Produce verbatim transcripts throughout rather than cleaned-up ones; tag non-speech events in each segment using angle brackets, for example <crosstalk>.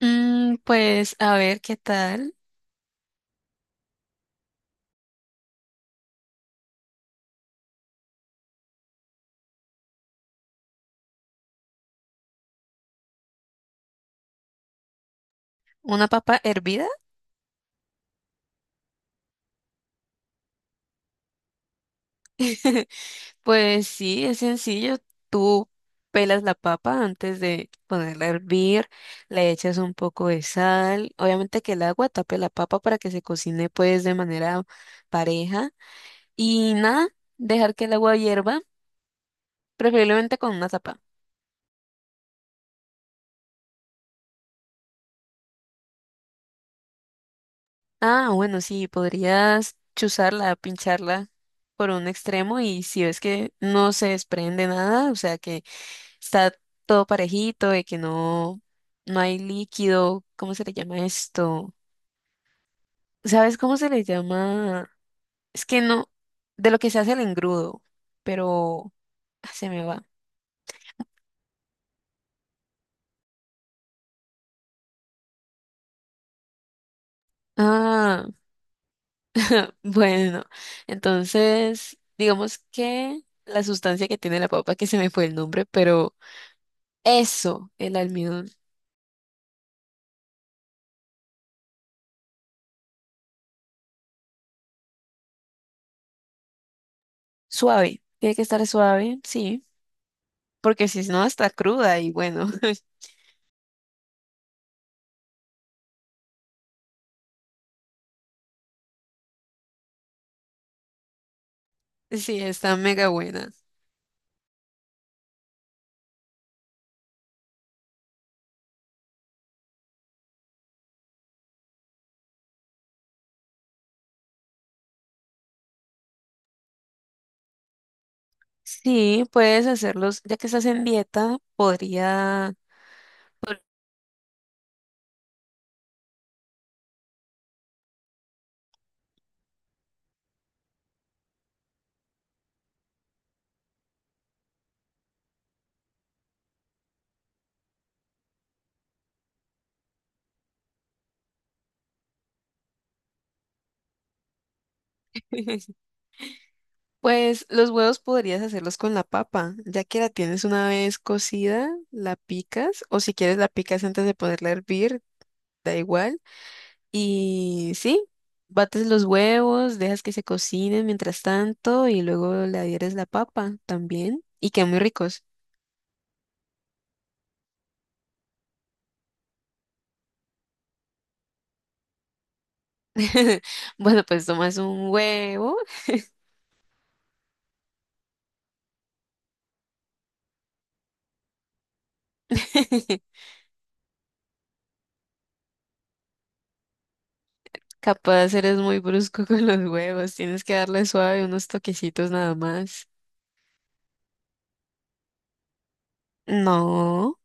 Mm, pues a ver qué tal. ¿Una papa hervida? <laughs> Pues sí, es sencillo. Tú pelas la papa antes de ponerla a hervir, le echas un poco de sal, obviamente que el agua tape la papa para que se cocine pues de manera pareja y nada, dejar que el agua hierva, preferiblemente con una tapa. Ah, bueno, sí, podrías chuzarla, pincharla por un extremo y si ves que no se desprende nada, o sea que está todo parejito, de que no, no hay líquido, ¿cómo se le llama esto? ¿Sabes cómo se le llama? Es que no, de lo que se hace el engrudo, pero ah, se me va. Ah, <laughs> bueno, entonces, digamos que la sustancia que tiene la papa, que se me fue el nombre, pero eso, el almidón, suave, tiene que estar suave, sí, porque si no, está cruda y bueno, <laughs> sí, está mega buena. Sí, puedes hacerlos, ya que estás en dieta, podría, <laughs> pues los huevos podrías hacerlos con la papa, ya que la tienes una vez cocida, la picas, o si quieres la picas antes de ponerla a hervir, da igual. Y sí, bates los huevos, dejas que se cocinen mientras tanto y luego le adhieres la papa también y quedan muy ricos. <laughs> Bueno, pues tomas un huevo. <laughs> Capaz eres muy brusco <laughs> con los huevos, tienes que darle suave unos toquecitos nada más. No,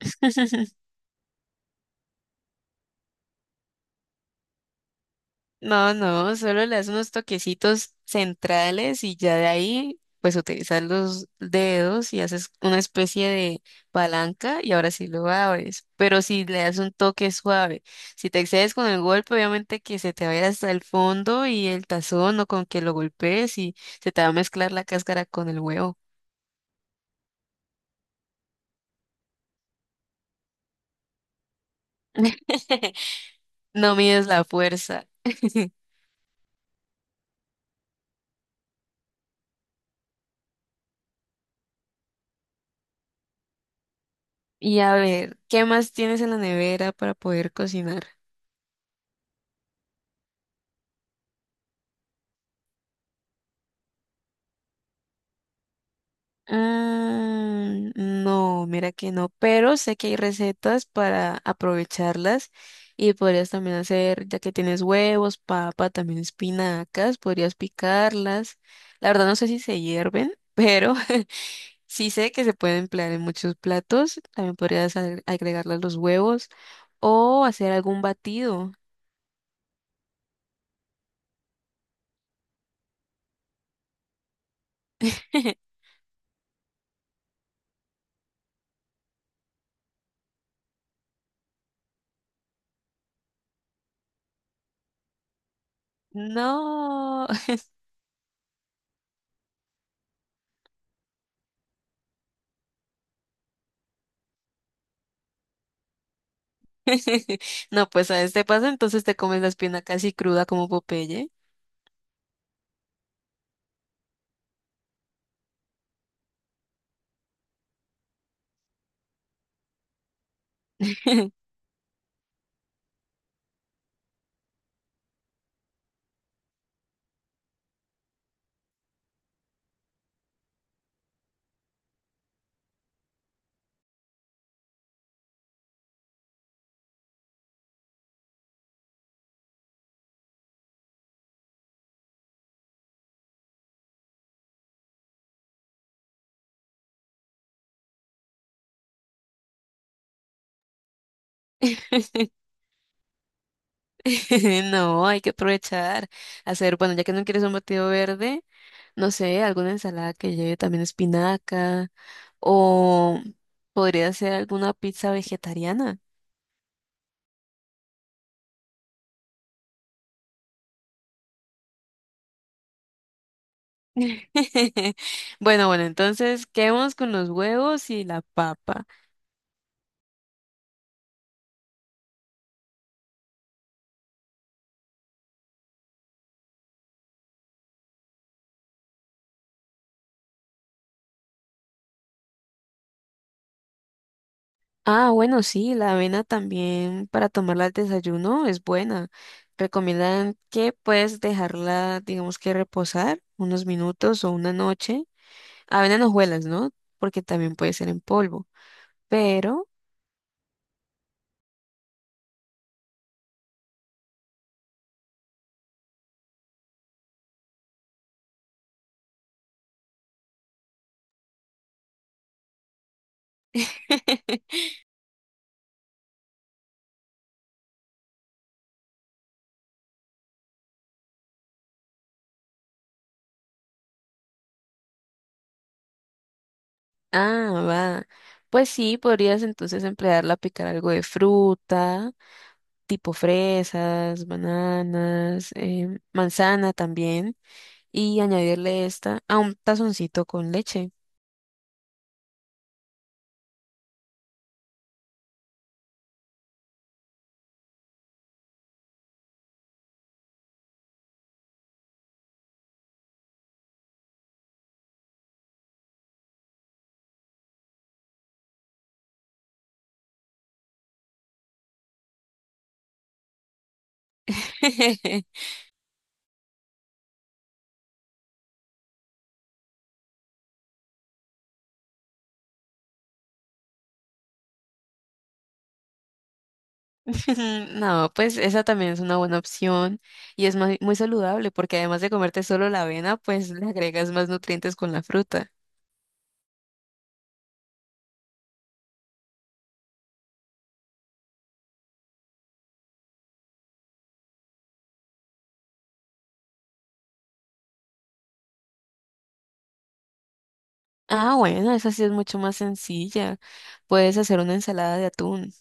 <laughs> no, no, solo le das unos toquecitos centrales y ya de ahí pues utilizas los dedos y haces una especie de palanca y ahora sí lo abres. Pero si le das un toque suave, si te excedes con el golpe, obviamente que se te va a ir hasta el fondo y el tazón o con que lo golpees y se te va a mezclar la cáscara con el huevo. <laughs> No mides la fuerza. <laughs> Y a ver, ¿qué más tienes en la nevera para poder cocinar? Mm, no, mira que no, pero sé que hay recetas para aprovecharlas y podrías también hacer, ya que tienes huevos, papa, también espinacas, podrías picarlas. La verdad no sé si se hierven, pero <laughs> sí sé que se pueden emplear en muchos platos. También podrías agre- agregarle los huevos o hacer algún batido. <laughs> No. <laughs> No, pues a este paso entonces te comes la espina casi cruda como Popeye. <laughs> No, hay que aprovechar. Hacer, bueno, ya que no quieres un batido verde, no sé, alguna ensalada que lleve también espinaca o podría ser alguna pizza vegetariana. <laughs> Bueno, bueno, entonces quedemos con los huevos y la papa. Ah, bueno, sí, la avena también para tomarla al desayuno es buena. Recomiendan que puedes dejarla, digamos que reposar unos minutos o una noche. Avena en hojuelas, ¿no? Porque también puede ser en polvo. Pero, <laughs> ah, va. Pues sí, podrías entonces emplearla a picar algo de fruta, tipo fresas, bananas, em, manzana también, y añadirle esta a un tazoncito con leche. <laughs> <laughs> No, pues esa también es una buena opción y es muy, muy saludable porque además de comerte solo la avena, pues le agregas más nutrientes con la fruta. Ah, bueno, Esa sí es mucho más sencilla. Puedes hacer una ensalada de atún.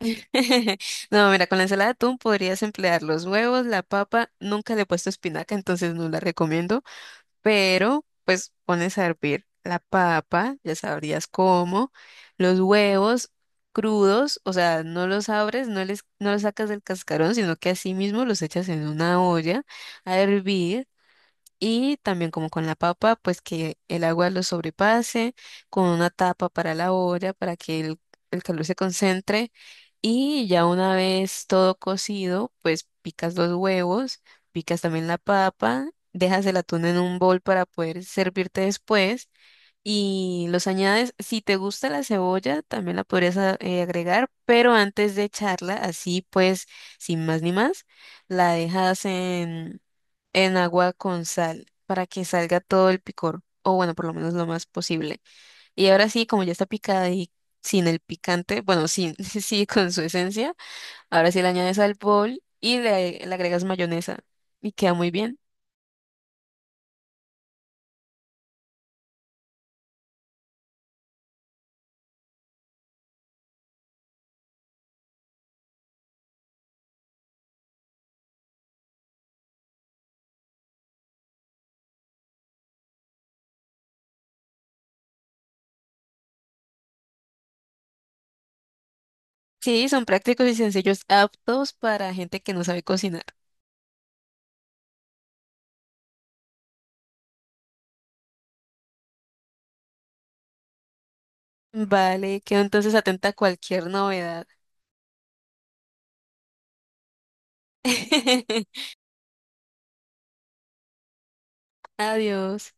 <laughs> No, mira, con la ensalada de atún podrías emplear los huevos, la papa. Nunca le he puesto espinaca, entonces no la recomiendo. Pero pues pones a hervir la papa, ya sabrías cómo, los huevos crudos, o sea, no los abres, no les, no los sacas del cascarón, sino que así mismo los echas en una olla a hervir. Y también como con la papa, pues que el agua lo sobrepase, con una tapa para la olla, para que el, el calor se concentre. Y ya una vez todo cocido, pues picas los huevos, picas también la papa, dejas el atún en un bol para poder servirte después y los añades. Si te gusta la cebolla, también la podrías a- eh, agregar, pero antes de echarla, así pues, sin más ni más, la dejas en, en agua con sal para que salga todo el picor, o bueno, por lo menos lo más posible. Y ahora sí, como ya está picada y sin el picante, bueno, sin, <laughs> sí, con su esencia, ahora sí le añades al bol y le le agregas mayonesa y queda muy bien. Sí, son prácticos y sencillos, aptos para gente que no sabe cocinar. Vale, quedo entonces atenta a cualquier novedad. <laughs> Adiós.